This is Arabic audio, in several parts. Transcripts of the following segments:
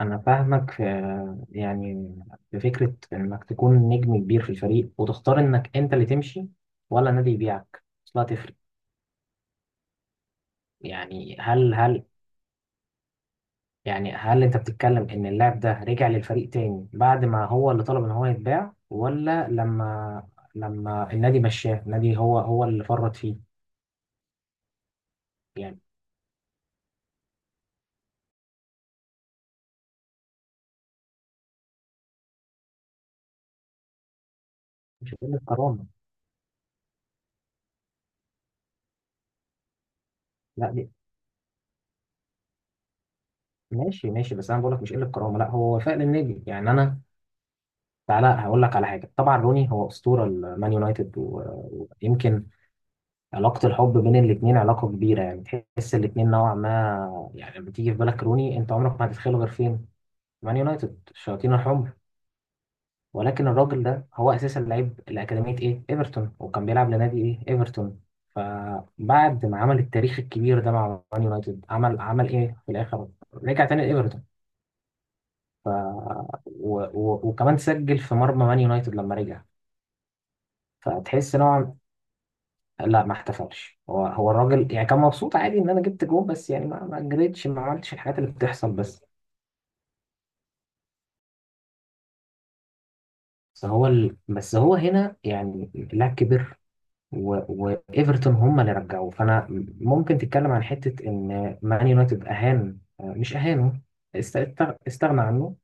أنا فاهمك يعني في فكرة إنك تكون نجم كبير في الفريق وتختار إنك أنت اللي تمشي ولا نادي يبيعك، أصلها تفرق. يعني هل هل هل أنت بتتكلم إن اللاعب ده رجع للفريق تاني بعد ما هو اللي طلب إن هو يتباع، ولا لما النادي مشاه النادي هو اللي فرط فيه؟ يعني مش قلة كرامة. لا دي ماشي ماشي، بس أنا بقولك مش قلة كرامة، لا هو وفاء للنادي. يعني أنا تعالى هقول لك على حاجه. طبعا روني هو اسطوره المان يونايتد، ويمكن علاقه الحب بين الاثنين علاقه كبيره يعني. تحس الاثنين نوعا ما. يعني لما تيجي في بالك روني، انت عمرك ما هتتخيله غير فين مان يونايتد الشياطين الحمر. ولكن الراجل ده هو اساسا لعيب لاكاديميه ايه ايفرتون، وكان بيلعب لنادي ايه ايفرتون. فبعد ما عمل التاريخ الكبير ده مع مان يونايتد، عمل ايه في الاخر؟ رجع تاني لايفرتون، وكمان سجل في مرمى مان يونايتد لما رجع. فتحس نوعا. لا ما احتفلش، هو الراجل يعني، كان مبسوط عادي ان انا جبت جول، بس يعني ما جريتش، ما عملتش الحاجات اللي بتحصل بس. بس هو هنا يعني اللاعب كبر، و... وايفرتون هم اللي رجعوه. فانا ممكن تتكلم عن حته ان مان يونايتد اهان، مش اهانه، استغنى عنه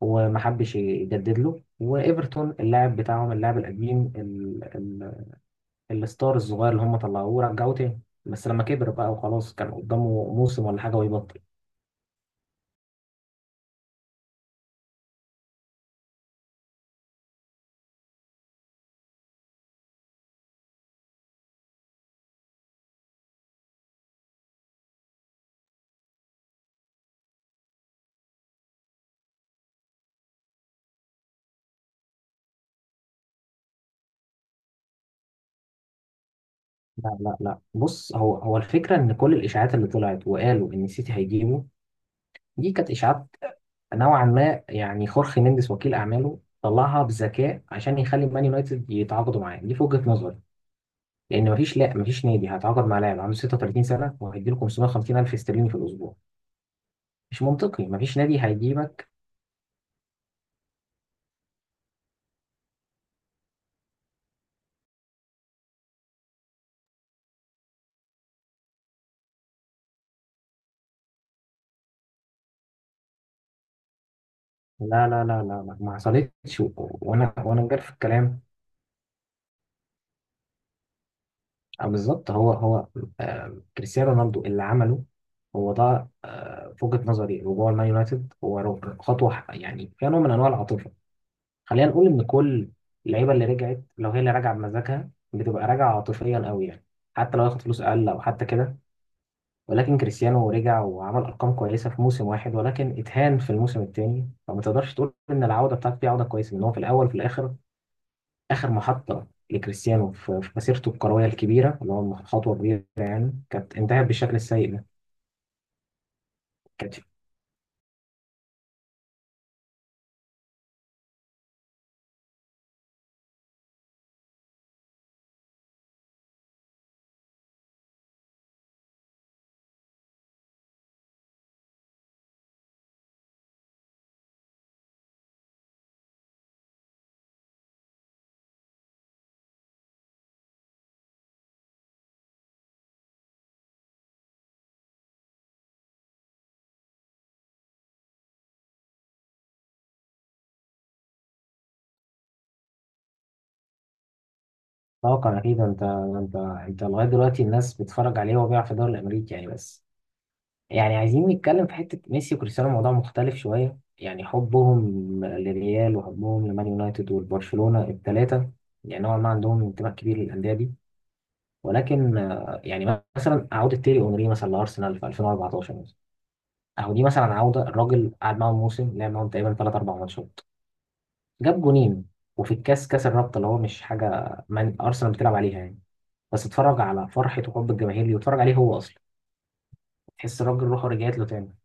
وما حبش يجدد له. وايفرتون اللاعب بتاعهم، اللاعب القديم، الستار الصغير اللي هم طلعوه، رجعوه تاني بس لما كبر بقى وخلاص كان قدامه موسم ولا حاجه ويبطل. لا لا لا بص، هو الفكرة إن كل الإشاعات اللي طلعت وقالوا إن سيتي هيجيبه، دي كانت إشاعات نوعا ما. يعني خورخي مينديز وكيل أعماله طلعها بذكاء عشان يخلي مان يونايتد يتعاقدوا معاه، دي في وجهة نظري. لأن مفيش، لا مفيش نادي هيتعاقد مع لاعب عنده 36 سنة وهيديله 550 ألف استرليني في الأسبوع. مش منطقي، مفيش نادي هيجيبك. لا لا لا لا لا، ما حصلتش، وأنا جارف في الكلام. آه، بالظبط. هو آه، كريستيانو رونالدو اللي عمله. هو ده. آه، في وجهة نظري رجوع المان يونايتد هو خطوة يعني فيها نوع من أنواع العاطفة. خلينا نقول إن كل اللعيبة اللي رجعت، لو هي اللي راجعة بمزاجها، بتبقى راجعة عاطفيا قوي يعني. حتى لو ياخد فلوس أقل أو حتى كده. ولكن كريستيانو رجع وعمل أرقام كويسة في موسم واحد، ولكن اتهان في الموسم التاني، فما تقدرش تقول إن العودة بتاعته دي عودة كويسة. إن هو في الأول في الآخر، آخر محطة لكريستيانو في مسيرته الكروية الكبيرة اللي هو خطوة كبيرة يعني، كانت انتهت بالشكل السيء ده. كانت طاقة أكيد. أنت لغاية دلوقتي الناس بتتفرج عليه وهو بيلعب في الدوري الأمريكي يعني، بس يعني عايزين نتكلم في حتة ميسي وكريستيانو موضوع مختلف شوية. يعني حبهم للريال وحبهم لمان يونايتد والبرشلونة الثلاثة، يعني نوعا ما عندهم انتماء كبير للأندية دي. ولكن آه، يعني مثلا أعود التيري أونري مثلا لأرسنال في 2014، اهو دي مثلا عوده. الراجل قعد معاهم موسم، لعب معاهم تقريبا ثلاث اربع ماتشات، جاب جونين وفي الكاس، كاس الرابطه اللي هو مش حاجه من ارسنال بتلعب عليها يعني، بس اتفرج على فرحه وحب الجماهير ليه، واتفرج عليه هو اصلا، تحس الراجل روحه رجعت له تاني.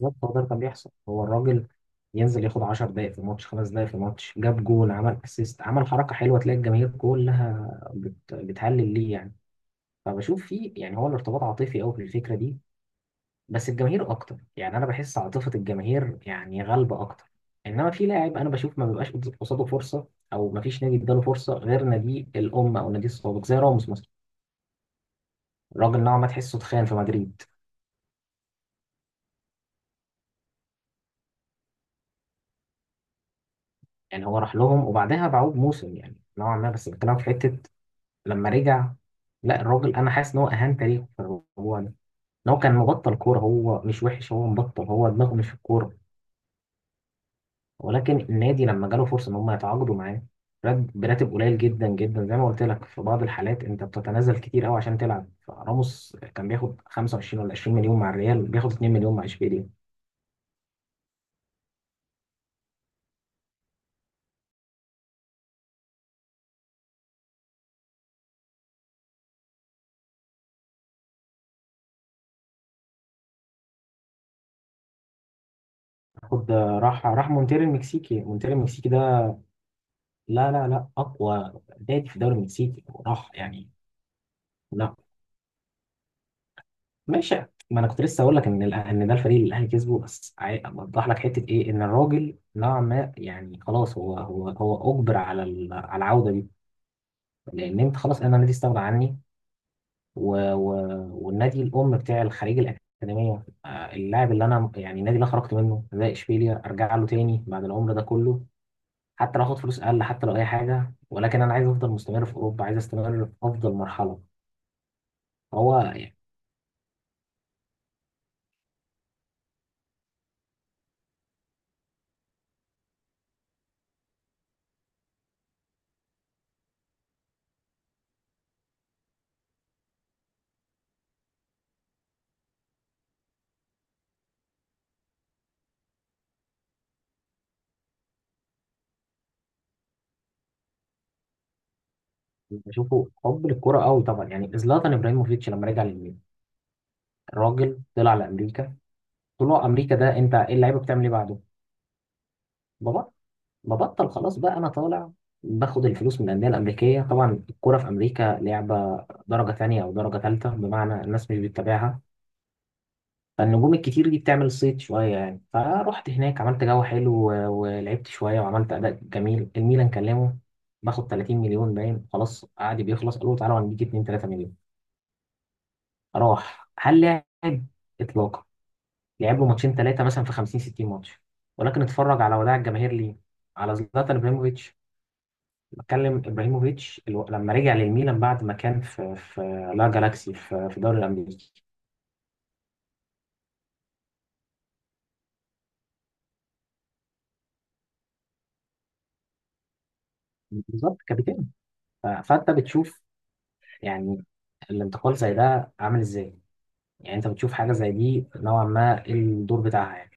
بالظبط، هو ده اللي كان بيحصل. هو الراجل ينزل ياخد 10 دقائق في الماتش، خمس دقائق في الماتش، جاب جول، عمل اسيست، عمل حركه حلوه، تلاقي الجماهير كلها بتهلل ليه يعني. فبشوف فيه يعني هو الارتباط عاطفي قوي في الفكره دي. بس الجماهير اكتر، يعني انا بحس عاطفة الجماهير يعني غالبة اكتر. انما في لاعب انا بشوف ما بيبقاش قصاده فرصة، او ما فيش نادي اداله فرصة غير نادي الام او نادي السابق، زي راموس مثلا. الراجل نوعا ما تحسه اتخان في مدريد. يعني هو راح لهم وبعدها باعوه بموسم يعني نوعا ما، بس بتكلم في حتة لما رجع. لا الراجل، انا حاسس ان هو اهان تاريخه في الموضوع ده. ان هو كان مبطل كورة، هو مش وحش، هو مبطل، هو دماغه مش في الكورة. ولكن النادي لما جاله فرصه ان هم يتعاقدوا معاه براتب قليل جدا جدا، زي ما قلت لك في بعض الحالات انت بتتنازل كتير قوي عشان تلعب. فراموس كان بياخد 25 ولا 20 مليون مع الريال، بياخد 2 مليون مع اشبيليه. خد راح مونتيري المكسيكي. مونتيري المكسيكي ده لا لا لا اقوى نادي في الدوري المكسيكي، وراح يعني. لا، ماشي. ما انا كنت لسه اقول لك ان ان ده الفريق اللي الاهلي كسبه، بس اوضح لك حته ايه ان الراجل نوعا ما يعني خلاص، هو اجبر على على العوده دي. لان انت خلاص انا النادي استغنى عني، و... و... والنادي الام بتاع الخليج الاكاديميه آه، اللاعب اللي انا يعني، النادي اللي أنا خرجت منه زي اشبيليا، ارجع له تاني بعد العمر ده كله، حتى لو اخد فلوس اقل، حتى لو اي حاجه، ولكن انا عايز افضل مستمر في اوروبا، عايز استمر في افضل مرحله. هو يعني بشوفه حب للكرة قوي طبعا. يعني زلاتان ابراهيموفيتش لما رجع للميلان، الراجل طلع لامريكا. طلوع امريكا ده انت ايه، اللعيبه بتعمل ايه بعده؟ بابا، ببطل خلاص بقى انا طالع، باخد الفلوس من الانديه الامريكيه. طبعا الكوره في امريكا لعبه درجه تانية او درجه تالتة، بمعنى الناس مش بتتابعها، فالنجوم الكتير دي بتعمل صيت شويه يعني. فرحت هناك، عملت جو حلو، ولعبت شويه وعملت اداء جميل. الميلان كلمه، باخد 30 مليون، باين خلاص قعد بيخلص، قالوا تعالوا هنديك 2 3 مليون، راح. هل لعب؟ اطلاقا. لعب له ماتشين ثلاثه مثلا في 50 60 ماتش، ولكن اتفرج على وداع الجماهير ليه. على زلاتان ابراهيموفيتش بتكلم. ابراهيموفيتش لما رجع للميلان بعد ما كان في لا جالاكسي في الدوري الامريكي. بالظبط كابتن. فانت بتشوف يعني الانتقال زي ده عامل ازاي، يعني انت بتشوف حاجه زي دي نوعا ما إيه الدور بتاعها يعني.